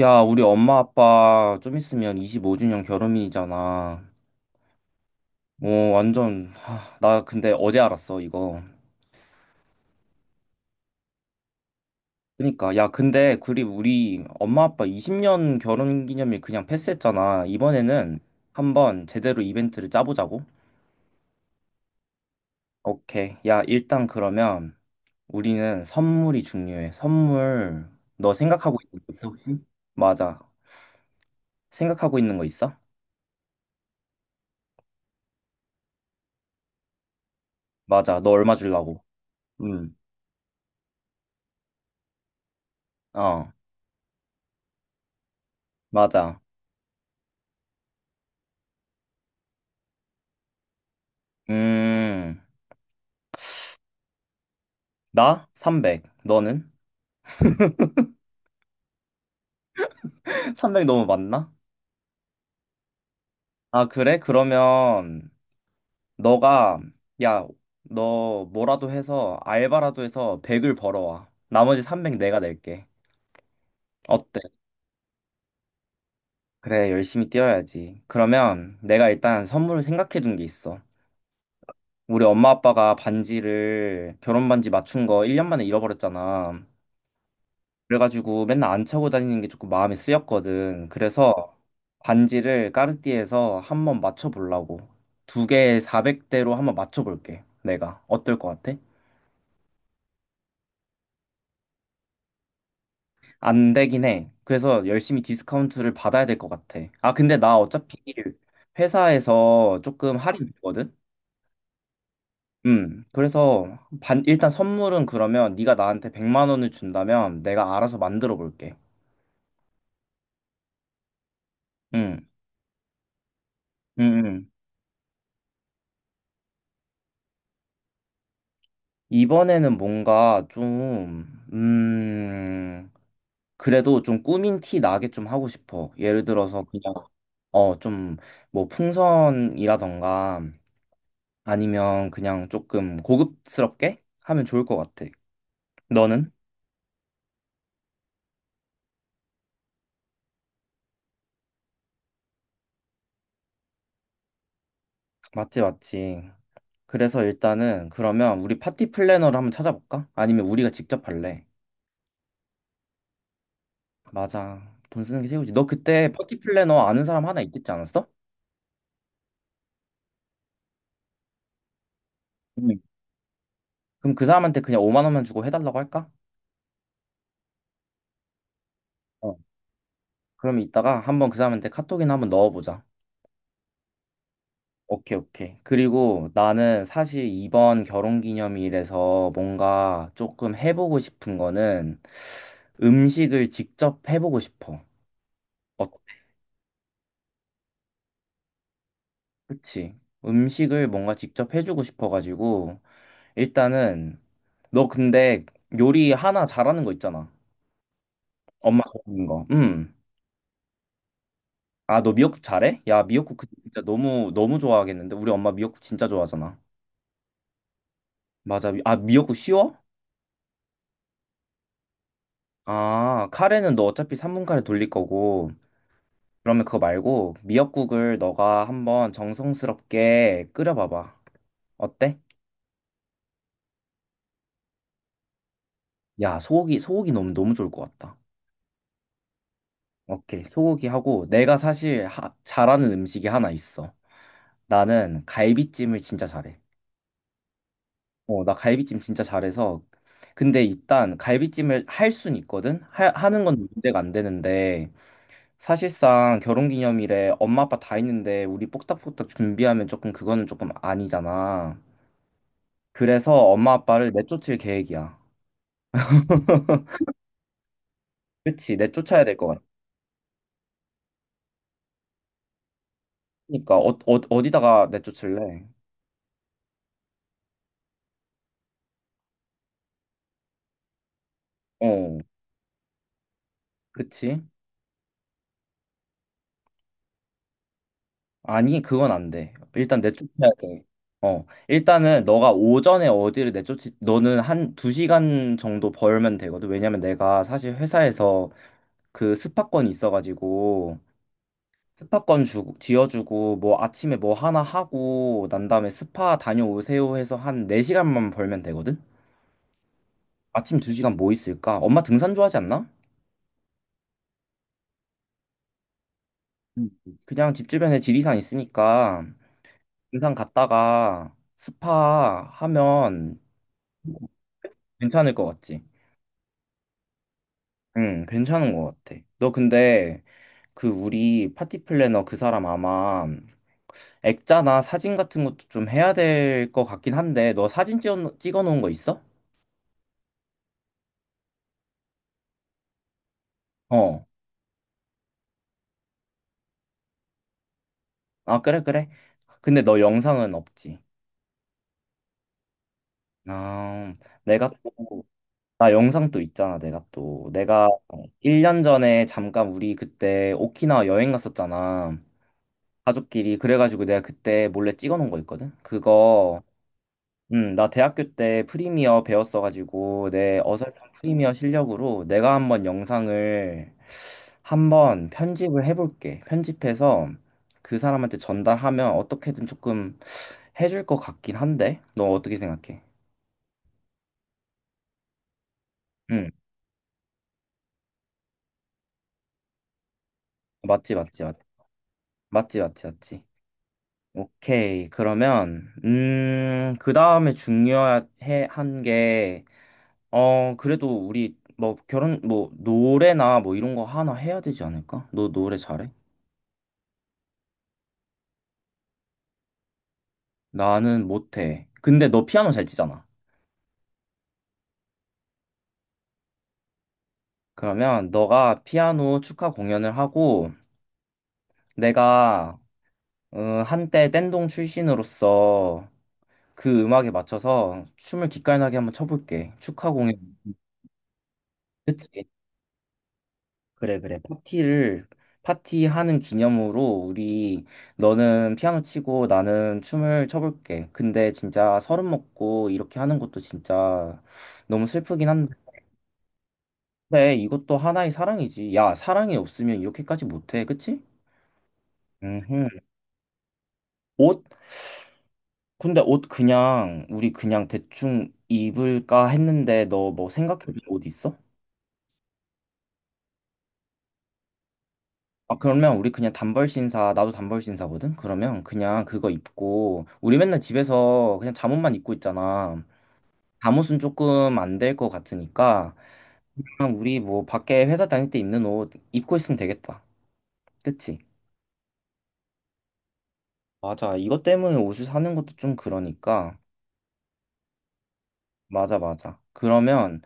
야, 우리 엄마 아빠 좀 있으면 25주년 결혼이잖아. 어, 완전, 하, 나 근데 어제 알았어, 이거. 그러니까, 야, 근데, 그리 우리 엄마 아빠 20년 결혼 기념일 그냥 패스했잖아. 이번에는 한번 제대로 이벤트를 짜보자고. 오케이. 야, 일단 그러면 우리는 선물이 중요해. 선물, 너 생각하고 있는 거 있어, 혹시? 맞아. 생각하고 있는 거 있어? 맞아. 너 얼마 주려고? 응. 어, 맞아. 음. 나? 300. 너는? 300 너무 많나? 아, 그래? 그러면 너가 야, 너 뭐라도 해서 알바라도 해서 100을 벌어와. 나머지 300 내가 낼게. 어때? 그래, 열심히 뛰어야지. 그러면 내가 일단 선물을 생각해 둔 게 있어. 우리 엄마 아빠가 반지를 결혼 반지 맞춘 거 1년 만에 잃어버렸잖아. 그래가지고 맨날 안 차고 다니는 게 조금 마음이 쓰였거든. 그래서 반지를 까르띠에서 한번 맞춰보려고. 두 개에 400대로 한번 맞춰볼게. 내가. 어떨 것 같아? 안 되긴 해. 그래서 열심히 디스카운트를 받아야 될 것 같아. 아, 근데 나 어차피 회사에서 조금 할인 있거든? 그래서 일단 선물은 그러면 네가 나한테 100만 원을 준다면 내가 알아서 만들어 볼게. 응, 응, 이번에는 뭔가 좀, 그래도 좀 꾸민 티 나게 좀 하고 싶어. 예를 들어서 그냥, 어, 좀, 뭐, 풍선이라던가 아니면 그냥 조금 고급스럽게 하면 좋을 것 같아. 너는? 맞지, 맞지. 그래서 일단은 그러면 우리 파티 플래너를 한번 찾아볼까? 아니면 우리가 직접 할래? 맞아. 돈 쓰는 게 최고지. 너 그때 파티 플래너 아는 사람 하나 있겠지 않았어? 응. 그럼 그 사람한테 그냥 5만 원만 주고 해달라고 할까? 어. 그럼 이따가 한번 그 사람한테 카톡이나 한번 넣어보자. 오케이, 오케이. 그리고 나는 사실 이번 결혼기념일에서 뭔가 조금 해보고 싶은 거는 음식을 직접 해보고 싶어. 어, 그치. 음식을 뭔가 직접 해주고 싶어가지고 일단은 너 근데 요리 하나 잘하는 거 있잖아. 엄마 잘하는 거. 음. 아, 너 미역국 잘해? 야, 미역국 그 진짜 너무 너무 좋아하겠는데. 우리 엄마 미역국 진짜 좋아하잖아. 맞아. 아, 미역국 쉬워? 아, 카레는 너 어차피 3분 카레 돌릴 거고, 그러면 그거 말고 미역국을 너가 한번 정성스럽게 끓여봐봐. 어때? 야, 소고기, 소고기 너무 너무 좋을 것 같다. 오케이, 소고기 하고 내가 사실 잘하는 음식이 하나 있어. 나는 갈비찜을 진짜 잘해. 어, 나 갈비찜 진짜 잘해서. 근데 일단 갈비찜을 할 순 있거든? 하, 하는 건 문제가 안 되는데, 사실상 결혼기념일에 엄마 아빠 다 있는데 우리 뽁닥뽁닥 준비하면 조금 그거는 조금 아니잖아. 그래서 엄마 아빠를 내쫓을 계획이야. 그치, 내쫓아야 될 것 같아. 그러니까 어, 어, 어디다가 내쫓을래? 어, 그치? 아니, 그건 안 돼. 일단 내쫓아야 돼. 어, 일단은 너가 오전에 어디를 내쫓지, 너는 한 두 시간 정도 벌면 되거든. 왜냐면 내가 사실 회사에서 그 스파권이 있어가지고 스파권 주 지어주고, 뭐 아침에 뭐 하나 하고, 난 다음에 스파 다녀오세요 해서 한 4시간만 벌면 되거든? 아침 2시간 뭐 있을까? 엄마 등산 좋아하지 않나? 음. 그냥 집 주변에 지리산 있으니까, 등산 갔다가 스파 하면 괜찮을 것 같지? 응, 괜찮은 것 같아. 너 근데 그 우리 파티 플래너 그 사람 아마 액자나 사진 같은 것도 좀 해야 될 것 같긴 한데, 너 사진 찍어 놓은 거 있어? 어. 아, 그래, 그래. 근데 너 영상은 없지. 아, 내가 또, 나 영상 또 있잖아, 내가 또. 내가 1년 전에 잠깐 우리 그때 오키나와 여행 갔었잖아. 가족끼리. 그래가지고 내가 그때 몰래 찍어 놓은 거 있거든? 그거, 나 대학교 때 프리미어 배웠어가지고 내 어설픈 프리미어 실력으로 내가 한번 영상을 한번 편집을 해볼게. 편집해서 그 사람한테 전달하면 어떻게든 조금 해줄 것 같긴 한데 너 어떻게 생각해? 응, 맞지 맞지 맞지 맞지 맞지 맞지. 오케이, 그러면 그 다음에 중요해 한게 어, 그래도 우리 뭐 결혼 뭐 노래나 뭐 이런 거 하나 해야 되지 않을까? 너 노래 잘해? 나는 못해. 근데 너 피아노 잘 치잖아. 그러면 너가 피아노 축하 공연을 하고 내가 어, 한때 댄동 출신으로서 그 음악에 맞춰서 춤을 기깔나게 한번 춰볼게. 축하 공연. 그치? 그래, 그래. 파티를, 파티하는 기념으로 우리, 너는 피아노 치고 나는 춤을 춰볼게. 근데 진짜 서른 먹고 이렇게 하는 것도 진짜 너무 슬프긴 한데, 근데 이것도 하나의 사랑이지. 야, 사랑이 없으면 이렇게까지 못해. 그치? 음흠. 옷? 근데 옷 그냥, 우리 그냥 대충 입을까 했는데, 너 뭐 생각해둔 옷 있어? 아, 그러면 우리 그냥 단벌 신사, 나도 단벌 신사거든? 그러면 그냥 그거 입고, 우리 맨날 집에서 그냥 잠옷만 입고 있잖아. 잠옷은 조금 안 될 것 같으니까, 그냥 우리 뭐 밖에 회사 다닐 때 입는 옷 입고 있으면 되겠다. 그치? 맞아. 이것 때문에 옷을 사는 것도 좀 그러니까, 맞아, 맞아. 그러면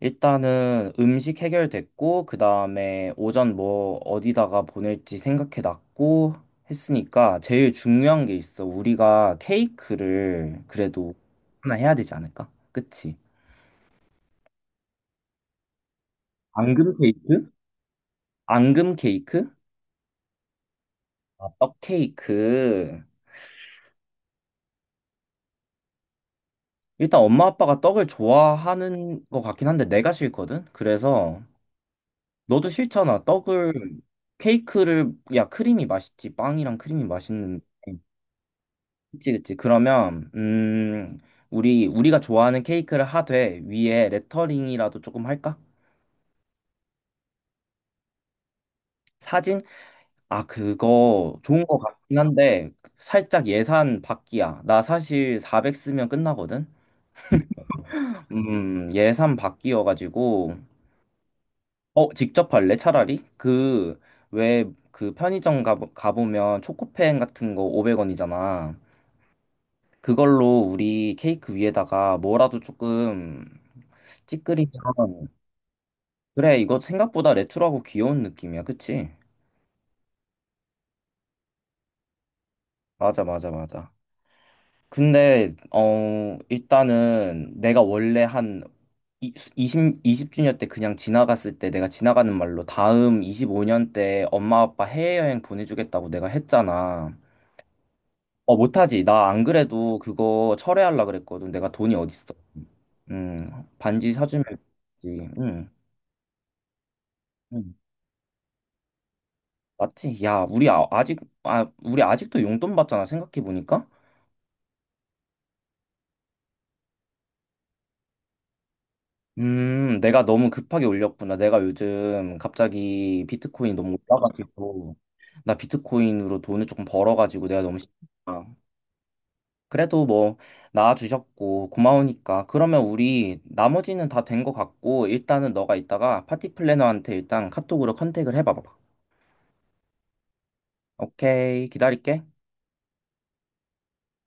일단은 음식 해결됐고, 그 다음에 오전 뭐 어디다가 보낼지 생각해 놨고 했으니까 제일 중요한 게 있어. 우리가 케이크를 그래도 하나 해야 되지 않을까? 그치? 앙금 케이크? 앙금 케이크? 아, 떡 케이크. 일단 엄마 아빠가 떡을 좋아하는 것 같긴 한데 내가 싫거든? 그래서 너도 싫잖아. 떡을 케이크를 야 크림이 맛있지. 빵이랑 크림이 맛있는데. 그치 그치. 그러면 우리 우리가 좋아하는 케이크를 하되 위에 레터링이라도 조금 할까? 사진? 아 그거 좋은 거 같긴 한데 살짝 예산 밖이야. 나 사실 400 쓰면 끝나거든. 예산 밖이어가지고 어 직접 할래 차라리? 그 왜 그 편의점 가 가보면 초코펜 같은 거 500원이잖아. 그걸로 우리 케이크 위에다가 뭐라도 조금 찌끄리면 그래 이거 생각보다 레트로하고 귀여운 느낌이야 그치? 맞아 맞아 맞아. 근데 어 일단은 내가 원래 한 20, 이십 주년 때 그냥 지나갔을 때 내가 지나가는 말로 다음 25년 때 엄마 아빠 해외여행 보내주겠다고 내가 했잖아. 어 못하지. 나 안 그래도 그거 철회하려 그랬거든. 내가 돈이 어딨어. 음 반지 사주면 되지. 응. 응. 맞지? 야, 우리 아, 아직 아, 우리 아직도 용돈 받잖아. 생각해 보니까. 내가 너무 급하게 올렸구나. 내가 요즘 갑자기 비트코인이 너무 올라가지고 나 비트코인으로 돈을 조금 벌어가지고 내가 너무 힘들다. 그래도 뭐 나와주셨고 고마우니까. 그러면 우리 나머지는 다 된 것 같고 일단은 너가 이따가 파티 플래너한테 일단 카톡으로 컨택을 해봐봐. 오케이, 기다릴게.